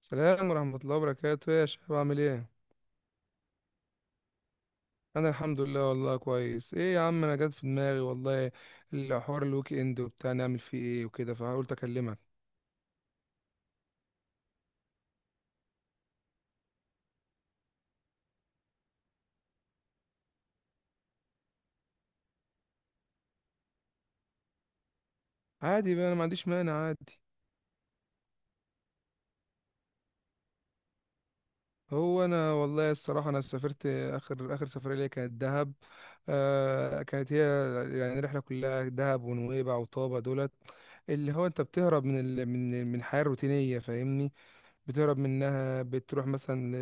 السلام ورحمة الله وبركاته يا شباب، عامل ايه؟ أنا الحمد لله والله كويس. ايه يا عم، أنا جات في دماغي والله الحوار الويك إند وبتاع نعمل فيه ايه وكده، فقلت أكلمك. عادي بقى، أنا ما عنديش مانع عادي. هو أنا والله الصراحة أنا سافرت آخر سفرية ليا كانت دهب. آه كانت هي، يعني الرحلة كلها دهب ونويبع وطابة، دولت اللي هو أنت بتهرب من ال... من من الحياة الروتينية، فاهمني؟ بتهرب منها، بتروح مثلا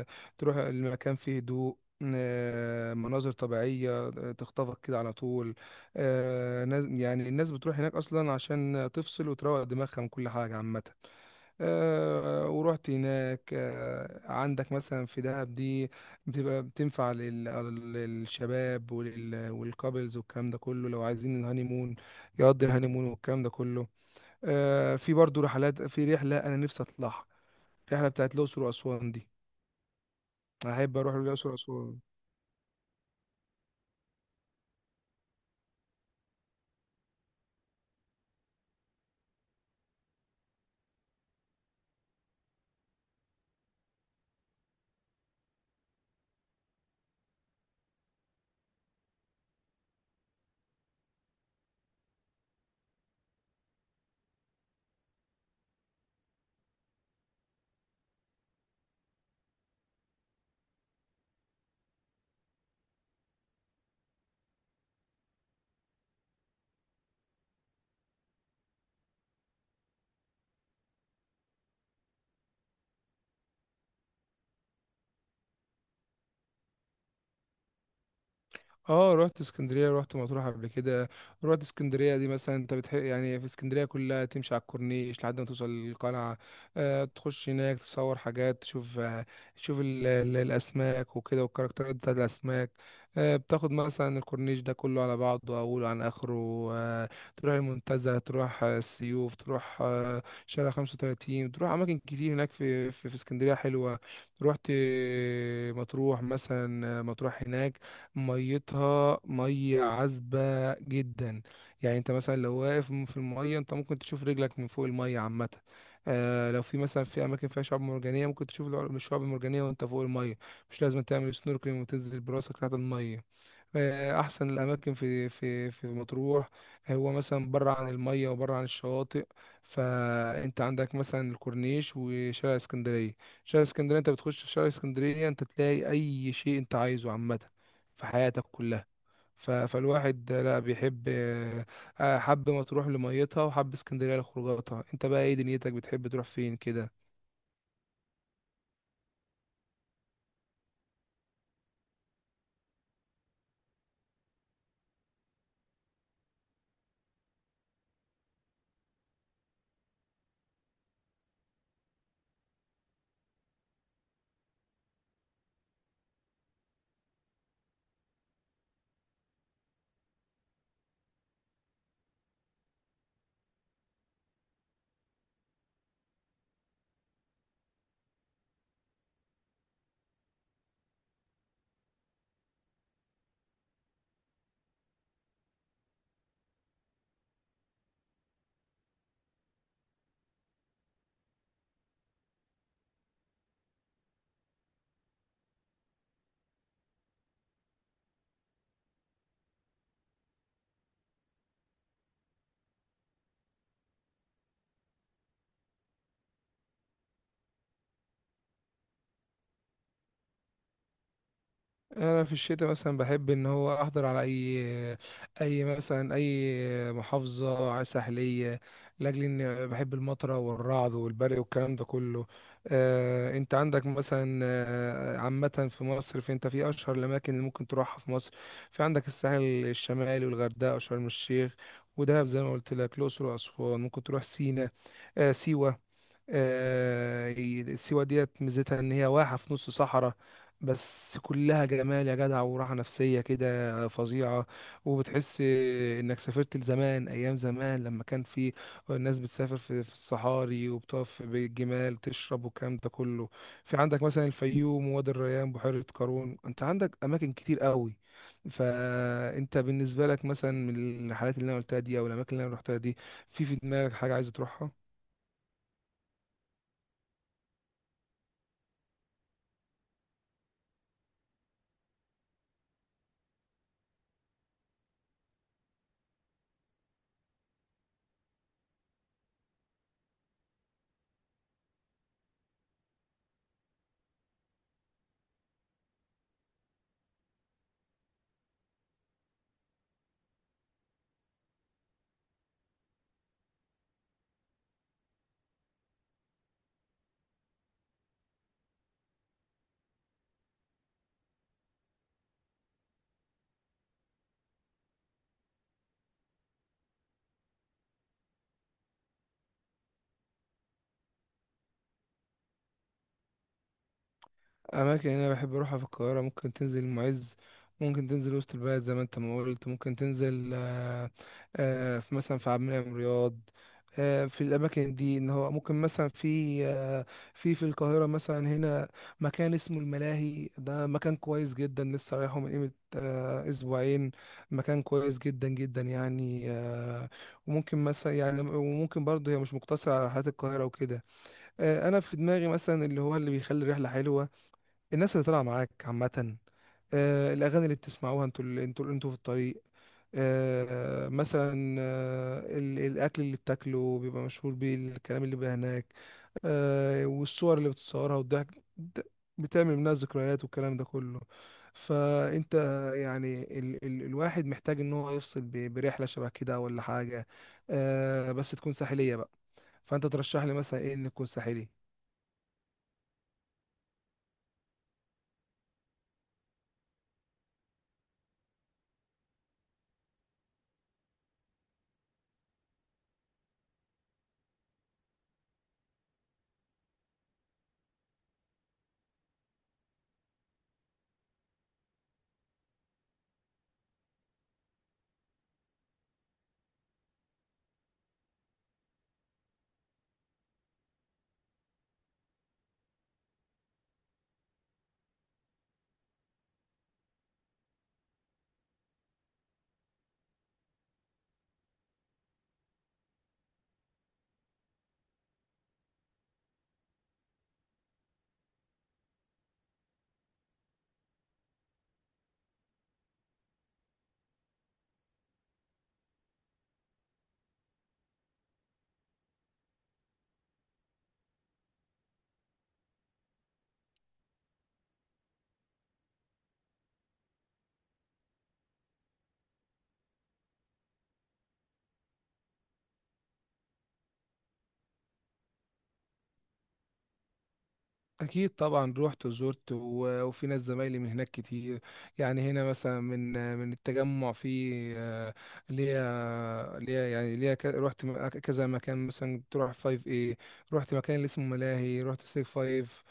ل- تروح المكان فيه هدوء، مناظر طبيعية، تخطفك كده على طول. يعني الناس بتروح هناك أصلا عشان تفصل وتروق دماغها من كل حاجة عامة. ورحت هناك. عندك مثلا في دهب دي بتبقى بتنفع للشباب والكابلز والكلام ده كله، لو عايزين الهانيمون يقضي الهانيمون والكلام ده كله. في برضو رحلات، في رحلة أنا نفسي أطلعها، الرحله بتاعت الاقصر واسوان دي، احب اروح الاقصر واسوان. اه رحت اسكندريه، رحت مطروح قبل كده. رحت اسكندريه دي مثلا انت بتحب، يعني في اسكندريه كلها تمشي على الكورنيش لحد ما توصل للقلعه، آه تخش هناك تصور حاجات، تشوف آه تشوف ال الاسماك وكده، والكاركترات بتاعت الاسماك. آه بتاخد مثلا الكورنيش ده كله على بعضه اوله عن اخره. آه تروح المنتزه، تروح السيوف، تروح آه شارع 35، تروح اماكن كتير هناك في اسكندريه حلوه. رحت مطروح، مثلا مطروح هناك ميتها مية عذبة جدا، يعني انت مثلا لو واقف في المية انت ممكن تشوف رجلك من فوق المية عامة. آه لو في مثلا في اماكن فيها شعاب مرجانية ممكن تشوف الشعاب المرجانية وانت فوق المية، مش لازم تعمل سنوركلينج وتنزل براسك تحت المية. احسن الاماكن في في مطروح. هو مثلا بره عن الميه وبره عن الشواطئ، فانت عندك مثلا الكورنيش وشارع اسكندريه. شارع اسكندريه انت بتخش في شارع اسكندريه انت تلاقي اي شيء انت عايزه عامه في حياتك كلها. فالواحد لا بيحب، حب مطروح لميتها وحب اسكندريه لخروجاتها. انت بقى ايه دنيتك، بتحب تروح فين كده؟ انا في الشتاء مثلا بحب ان هو احضر على اي مثلا اي محافظه على ساحليه، لاجل ان بحب المطره والرعد والبرق والكلام ده كله. انت عندك مثلا، عامه في مصر، فانت في اشهر الاماكن اللي ممكن تروحها في مصر، في عندك الساحل الشمالي والغردقه وشرم الشيخ ودهب زي ما قلت لك، الاقصر واسوان، ممكن تروح سينا، سيوه. سيوة ديت ميزتها ان هي واحة في نص صحراء، بس كلها جمال يا جدع وراحة نفسية كده فظيعة، وبتحس انك سافرت لزمان، ايام زمان لما كان في الناس بتسافر في الصحاري وبتقف بالجمال تشرب والكلام ده كله. في عندك مثلا الفيوم ووادي الريان بحيرة قارون، انت عندك اماكن كتير قوي. فانت بالنسبة لك مثلا من الرحلات اللي انا قلتها دي او الاماكن اللي انا رحتها دي، في في دماغك حاجة عايز تروحها؟ اماكن انا بحب اروحها في القاهره، ممكن تنزل المعز، ممكن تنزل وسط البلد زي ما انت ما قلت، ممكن تنزل في مثلا في عبد المنعم رياض. في الاماكن دي ان هو ممكن مثلا في آه، في في القاهره مثلا هنا مكان اسمه الملاهي، ده مكان كويس جدا، لسه رايحه من قيمه اسبوعين، مكان كويس جدا جدا يعني. وممكن مثلا يعني، وممكن برضه هي مش مقتصره على رحلات القاهره وكده. انا في دماغي مثلا اللي هو اللي بيخلي الرحله حلوه الناس اللي طالعه معاك عامه، الاغاني اللي بتسمعوها انتوا اللي انتوا في الطريق، الاكل اللي بتاكله بيبقى مشهور بيه، الكلام اللي بيبقى هناك، والصور اللي بتصورها والضحك، د- بتعمل منها ذكريات والكلام ده كله. فانت يعني ال الواحد محتاج ان هو يفصل برحله شبه كده ولا حاجه، بس تكون ساحليه بقى. فانت ترشح لي مثلا ايه ان تكون ساحلي؟ أكيد طبعا روحت وزرت وفي ناس زمايلي من هناك كتير، يعني هنا مثلا من التجمع، في آه، ليا ليا يعني ليا روحت كذا مكان، مثلا تروح فايف ايه، روحت مكان اللي اسمه ملاهي، روحت سيف فايف،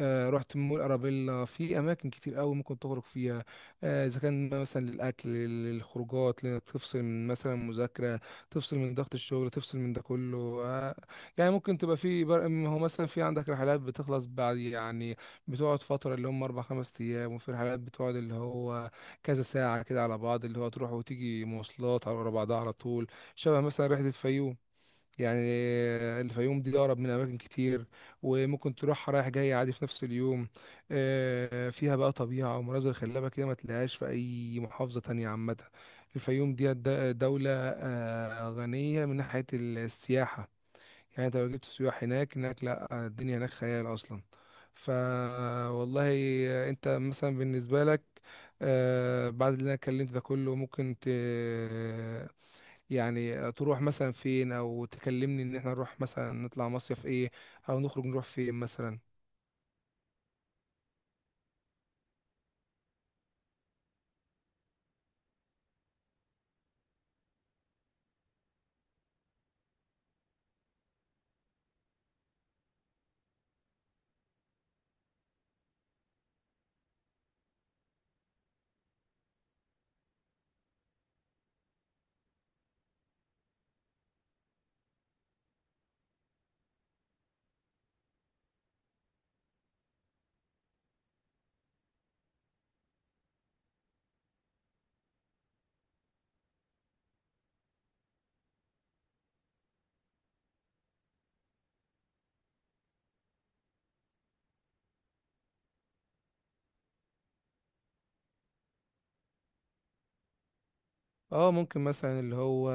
رحت مول ارابيلا، في اماكن كتير قوي ممكن تخرج فيها، اذا كان مثلا للاكل للخروجات تفصل من مثلا مذاكره، تفصل من ضغط الشغل، تفصل من ده كله. يعني ممكن تبقى في ما هو مثلا في عندك رحلات بتخلص بعد يعني، بتقعد فترة اللي هم أربع خمس أيام، وفي رحلات بتقعد اللي هو كذا ساعة كده على بعض اللي هو تروح وتيجي مواصلات على ورا بعضها على طول، شبه مثلا رحلة الفيوم. يعني الفيوم دي أقرب من أماكن كتير، وممكن تروحها رايح جاي عادي في نفس اليوم. فيها بقى طبيعة ومناظر خلابة كده ما تلاقيهاش في أي محافظة تانية عامة. الفيوم دي دولة غنية من ناحية السياحة، يعني انت لو جبت سياح هناك، هناك لا الدنيا هناك خيال اصلا. ف والله انت مثلا بالنسبه لك بعد اللي انا اتكلمت ده كله ممكن يعني تروح مثلا فين، او تكلمني ان احنا نروح مثلا نطلع مصيف ايه، او نخرج نروح فين مثلا؟ اه ممكن مثلا اللي هو،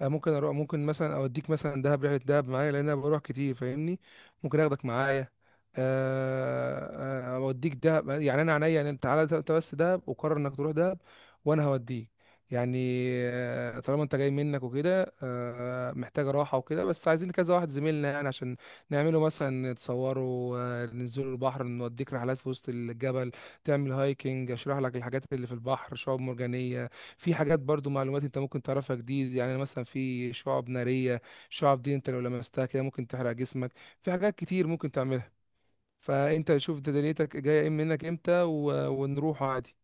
ممكن اروح، ممكن مثلا اوديك مثلا دهب، رحله دهب معايا لان انا بروح كتير فاهمني، ممكن اخدك معايا. اوديك دهب يعني انا عينيا، يعني انت تعالى انت بس دهب، وقرر انك تروح دهب وانا هوديك. يعني طالما انت جاي منك وكده، محتاجه راحه وكده، بس عايزين كذا واحد زميلنا يعني عشان نعمله مثلا تصوروا، ننزلوا البحر، نوديك رحلات في وسط الجبل، تعمل هايكنج، اشرح لك الحاجات اللي في البحر شعاب مرجانيه، في حاجات برضو معلومات انت ممكن تعرفها جديد، يعني مثلا في شعب نارية، شعب دي انت لو لمستها كده ممكن تحرق جسمك، في حاجات كتير ممكن تعملها. فانت شوف ده دنيتك جاية ايه منك امتى ونروح عادي.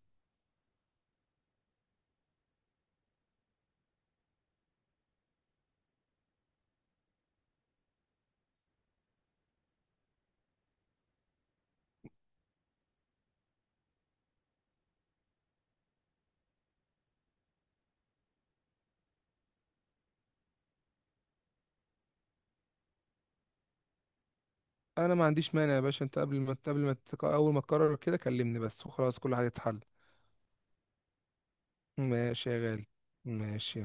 انا ما عنديش مانع يا باشا، انت قبل ما قبل ما تك- اول ما تقرر كده كلمني بس وخلاص كل حاجة تتحل. ماشي يا غالي، ماشي.